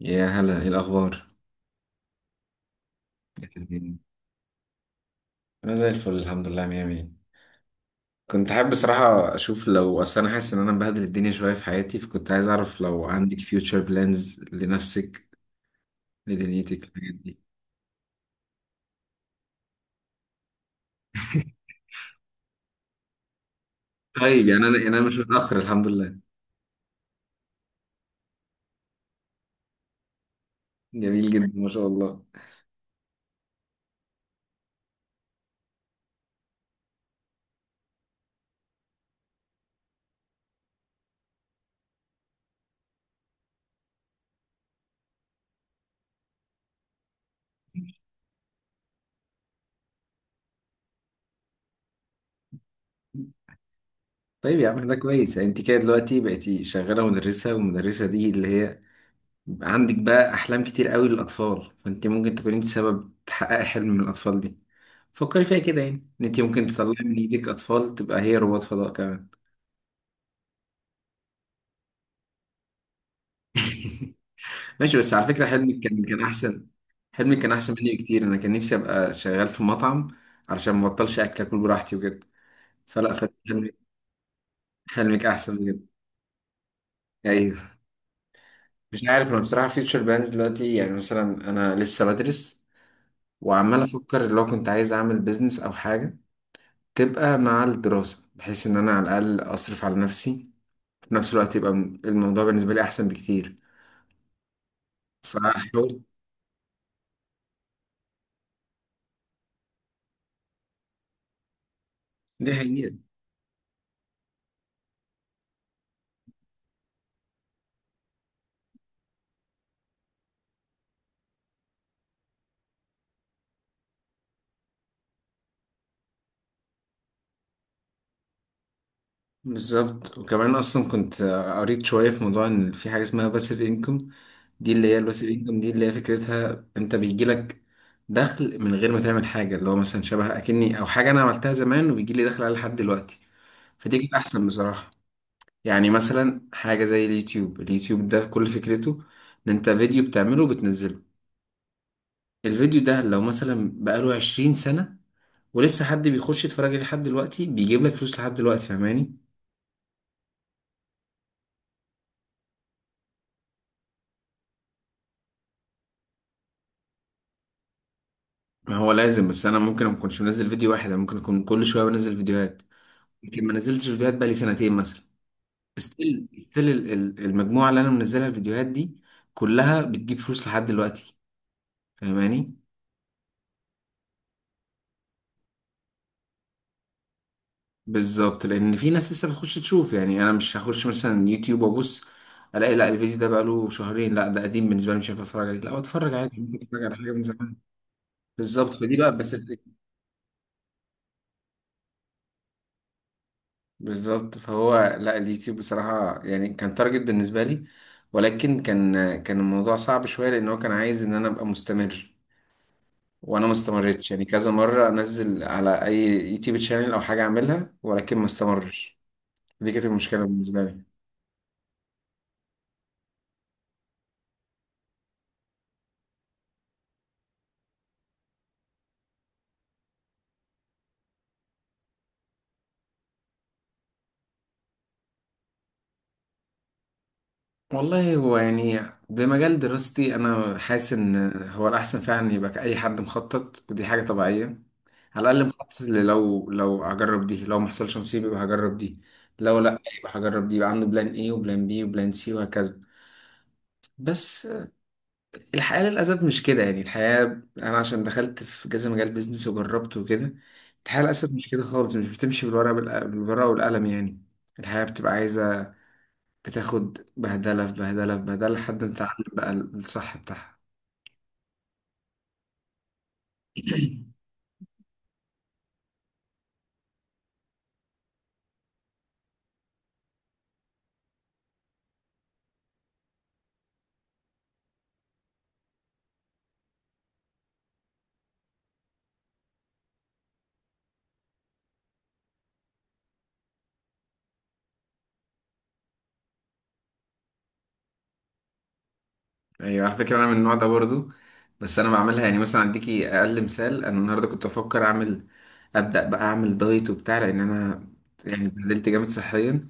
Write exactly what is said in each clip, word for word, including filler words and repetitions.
يا هلا، ايه الاخبار؟ انا زي الفل الحمد لله، مية مية. كنت حابب بصراحة اشوف لو، اصل انا حاسس ان انا مبهدل الدنيا شوية في حياتي، فكنت عايز اعرف لو عندك فيوتشر بلانز لنفسك لدنيتك الحاجات دي. طيب، يعني انا يعني انا مش متأخر الحمد لله. جميل جدا ما شاء الله. طيب يا عم، ده كويس. يعني انت كده دلوقتي بقيتي شغالة مدرسة، والمدرسة دي اللي هي عندك بقى أحلام كتير قوي للأطفال، فأنت ممكن تكون أنت سبب تحققي حلم من الأطفال دي. فكري فيها كده، يعني إن أنت ممكن تطلعي من إيدك أطفال تبقى هي رواد فضاء كمان. ماشي، بس على فكرة حلمي كان كان أحسن. حلمي كان أحسن مني بكتير، أنا كان نفسي أبقى شغال في مطعم علشان ما بطلش أكل أكل براحتي وكده. فلا فحلمك حلمك، حلمك أحسن بجد. أيوه. مش عارف أنا بصراحة، فيوتشر بلانز دلوقتي، يعني مثلا أنا لسه بدرس، وعمال أفكر لو كنت عايز أعمل بيزنس أو حاجة تبقى مع الدراسة، بحيث إن أنا على الأقل أصرف على نفسي في نفس الوقت، يبقى م- الموضوع بالنسبة لي أحسن بكتير. فحاول. دي حقيقة. بالظبط. وكمان أصلا كنت قريت شوية في موضوع إن في حاجة اسمها باسيف إنكم. دي اللي هي الباسيف إنكم دي، اللي هي فكرتها أنت بيجيلك دخل من غير ما تعمل حاجة، اللي هو مثلا شبه أكني، أو حاجة أنا عملتها زمان وبيجيلي دخل عليها لحد دلوقتي. فدي كانت أحسن بصراحة. يعني مثلا حاجة زي اليوتيوب، اليوتيوب ده كل فكرته إن أنت فيديو بتعمله وبتنزله. الفيديو ده لو مثلا بقاله عشرين سنة ولسه حد بيخش يتفرج عليه لحد دلوقتي، بيجيب لك فلوس لحد دلوقتي، فاهماني؟ ما هو لازم، بس انا ممكن ما اكونش منزل فيديو واحد، انا ممكن اكون كل شوية بنزل فيديوهات. يمكن ما نزلتش فيديوهات بقالي سنتين مثلا، ستيل ستيل المجموعة اللي انا منزلها الفيديوهات دي كلها بتجيب فلوس لحد دلوقتي، فاهماني؟ بالظبط، لان في ناس لسه بتخش تشوف. يعني انا مش هخش مثلا يوتيوب وابص الاقي، لا الفيديو ده بقاله شهرين، لا ده قديم بالنسبة لي مش هينفع اتفرج عليه، لا بتفرج عادي، ممكن اتفرج على حاجة من زمان. بالظبط، فدي بقى. بس بالظبط. فهو، لا اليوتيوب بصراحة يعني كان تارجت بالنسبة لي، ولكن كان، كان الموضوع صعب شوية لأن هو كان عايز إن أنا أبقى مستمر، وأنا ما استمرتش. يعني كذا مرة أنزل على أي يوتيوب تشانل أو حاجة أعملها ولكن ما استمرش. دي كانت المشكلة بالنسبة لي. والله هو يعني بمجال دراستي انا حاسس ان هو الاحسن فعلا يبقى اي حد مخطط، ودي حاجه طبيعيه. على الاقل مخطط اللي، لو لو هجرب دي، لو ما حصلش نصيب يبقى هجرب دي، لو لا يبقى هجرب دي، يبقى عنده بلان ايه وبلان بي وبلان سي وهكذا. بس الحياه للاسف مش كده. يعني الحياه، انا عشان دخلت في كذا مجال بيزنس وجربت وكده، الحياه للاسف مش كده خالص، مش بتمشي بالورقه، بالورقه والقلم يعني. الحياه بتبقى عايزه بتاخد بهدلة في بهدلة في بهدلة لحد ما تتعلم بقى الصح بتاعها. ايوه على فكرة انا من النوع ده برضو. بس انا بعملها، يعني مثلا اديكي اقل مثال، انا النهارده كنت بفكر اعمل، ابدا بقى اعمل دايت وبتاع، لان انا يعني اتبهدلت جامد صحيا.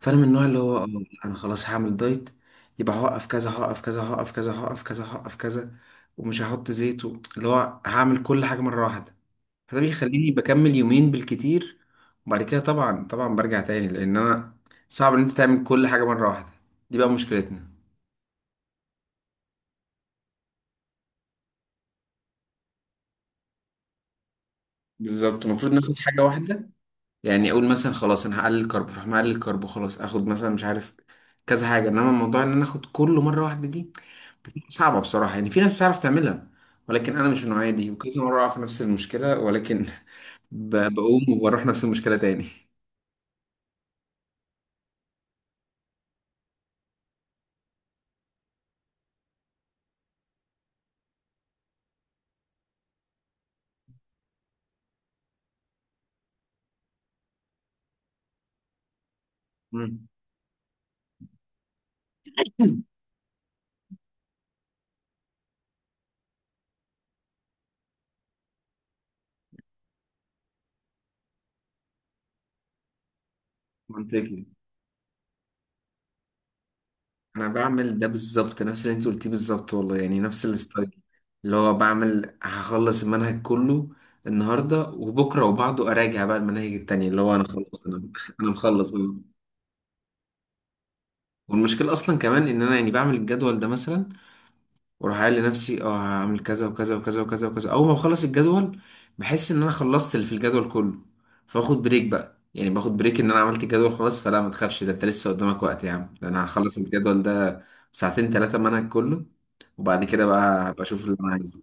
فانا من النوع اللي هو آه، انا خلاص هعمل دايت، يبقى هوقف كذا هوقف كذا هوقف كذا هوقف كذا هوقف كذا، ومش هحط زيت و- اللي هو هعمل كل حاجة مرة واحدة. فده بيخليني بكمل يومين بالكتير، وبعد كده طبعا طبعا برجع تاني، لان انا صعب ان انت تعمل كل حاجه مره واحده. دي بقى مشكلتنا. بالظبط المفروض ناخد حاجه واحده. يعني اقول مثلا خلاص انا هقلل كرب، فاروح مقلل الكرب خلاص، اخد مثلا مش عارف كذا حاجه، انما موضوع ان انا اخد كله مره واحده دي بتبقى صعبه بصراحه. يعني في ناس بتعرف تعملها، ولكن انا مش من النوعيه دي، وكذا مره اقع في نفس المشكله، ولكن ب- بقوم وبروح نفس المشكله تاني. مم. منطقي. انا بعمل ده بالظبط نفس اللي انت قلتيه بالظبط والله، يعني نفس الستايل. اللي هو بعمل هخلص المنهج كله النهارده وبكره وبعده اراجع بقى المناهج التانية، اللي هو انا خلاص، انا، انا مخلص والله. والمشكله اصلا كمان ان انا يعني بعمل الجدول ده مثلا، واروح قايل لنفسي اه هعمل كذا وكذا وكذا وكذا وكذا، اول ما بخلص الجدول بحس ان انا خلصت اللي في الجدول كله، فاخد بريك بقى، يعني باخد بريك ان انا عملت الجدول خلاص، فلا ما تخافش ده انت لسه قدامك وقت يا عم، ده انا هخلص الجدول ده ساعتين ثلاثه منهج كله، وبعد كده بقى هبقى اشوف اللي انا عايزه.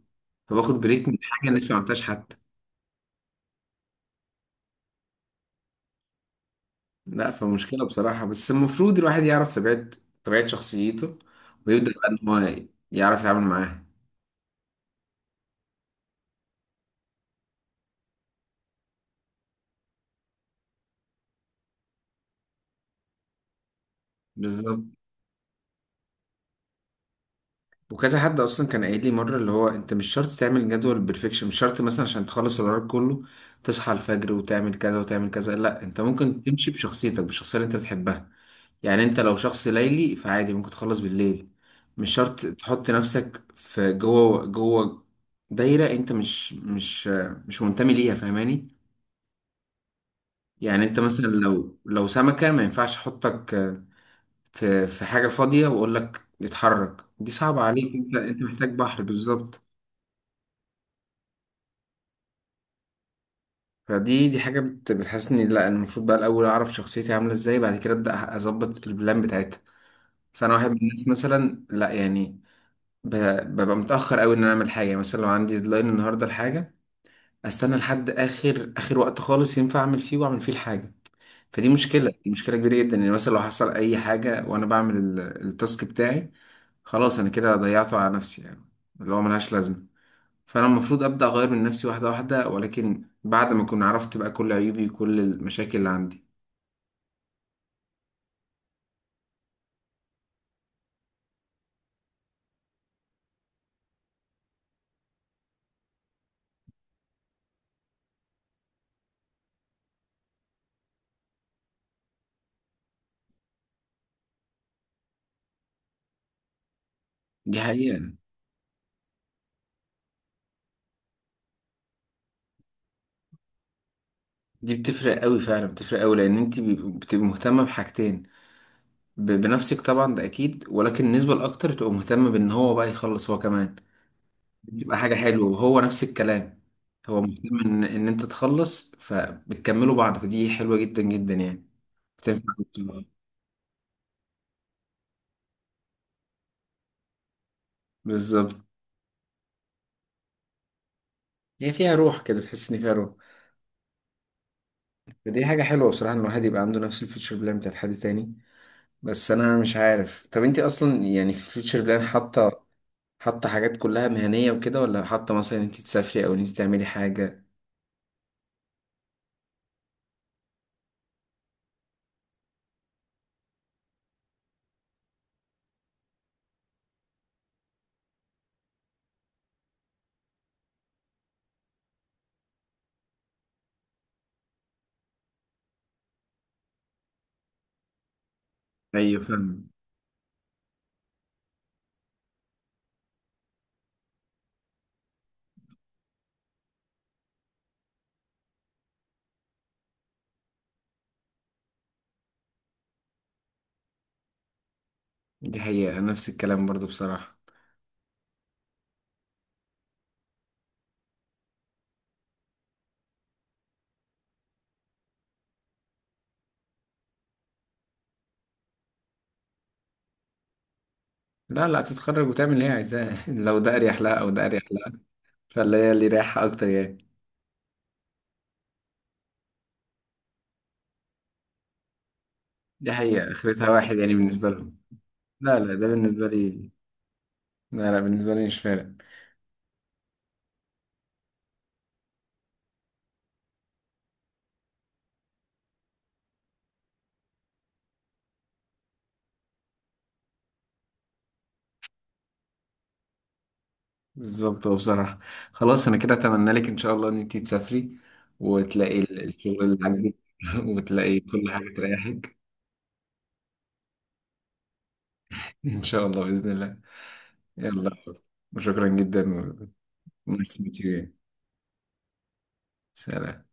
فباخد بريك من حاجه أنا لسه ما عملتهاش حتى. لا فمشكله بصراحه، بس المفروض الواحد يعرف طبيعه، طبيعه شخصيته، ويبدا بقى ان هو يعرف يتعامل معاها. بالظبط. وكذا حد اصلا كان قايل لي مره، اللي هو انت مش شرط تعمل جدول بيرفكشن، مش شرط مثلا عشان تخلص الورق كله تصحى الفجر وتعمل كذا وتعمل كذا، لا انت ممكن تمشي بشخصيتك، بالشخصيه اللي انت بتحبها. يعني انت لو شخص ليلي فعادي ممكن تخلص بالليل، مش شرط تحط نفسك في جوه جوه دايره انت مش مش مش منتمي ليها، فاهماني؟ يعني انت مثلا، لو لو سمكه ما ينفعش احطك في في حاجه فاضيه واقول لك اتحرك، دي صعبه عليك، انت انت محتاج بحر بالظبط. فدي دي حاجة بت- بتحسسني لا، المفروض بقى الأول أعرف شخصيتي عاملة إزاي، بعد كده أبدأ أظبط البلان بتاعتها. فأنا واحد من الناس مثلا، لا يعني ب- ببقى متأخر أوي إن أنا أعمل حاجة، يعني مثلا لو عندي ديدلاين النهاردة لحاجة، أستنى لحد آخر آخر وقت خالص ينفع أعمل فيه، وأعمل فيه الحاجة. فدي مشكلة، دي مشكلة كبيرة جدا. يعني مثلا لو حصل أي حاجة وأنا بعمل ال- التاسك بتاعي، خلاص أنا كده ضيعته على نفسي، يعني اللي هو ملهاش لازمة. فانا المفروض ابدا اغير من نفسي واحده واحده، ولكن بعد ما اكون عرفت بقى كل عيوبي وكل المشاكل اللي عندي. دي حقيقه. دي بتفرق قوي فعلا، بتفرق قوي، لان انت بيب- بتبقي مهتمه بحاجتين، ب- بنفسك طبعا ده اكيد، ولكن النسبه الاكتر تبقى مهتمه بان هو بقى يخلص هو كمان. بتبقى حاجه حلوه، وهو نفس الكلام، هو مهتم ان ان انت تخلص، فبتكملوا بعض. فدي حلوه جدا جدا يعني، بتنفع جداً. بالظبط. هي فيها روح كده، تحس ان فيها روح. فدي حاجه حلوه بصراحه، ان الواحد يبقى عنده نفس الفيتشر بلان بتاعت حد تاني. بس انا مش عارف، طب انت اصلا يعني في فيوتشر بلان حاطه حاطه حاجات كلها مهنيه وكده، ولا حاطه مثلا انت تسافري او انت تعملي حاجه؟ ايوه فاهم. دي حقيقه، نفس الكلام برضو بصراحه. لا لا تتخرج وتعمل اللي هي عايزاه لو ده اريح لها او ده اريح لها، فاللي هي اللي رايحه اكتر يعني. دي حقيقه، اخرتها واحد يعني بالنسبه لهم. لا لا ده بالنسبه لي، لا لا بالنسبه لي مش فارق. بالظبط. هو بصراحة، خلاص أنا كده أتمنى لك إن شاء الله إن أنتي تسافري، وتلاقي ال- الشغل اللي عاجبك وتلاقي كل حاجة تريحك. إن شاء الله بإذن الله. يلا، وشكرا جدا و- nice to meet you. سلام.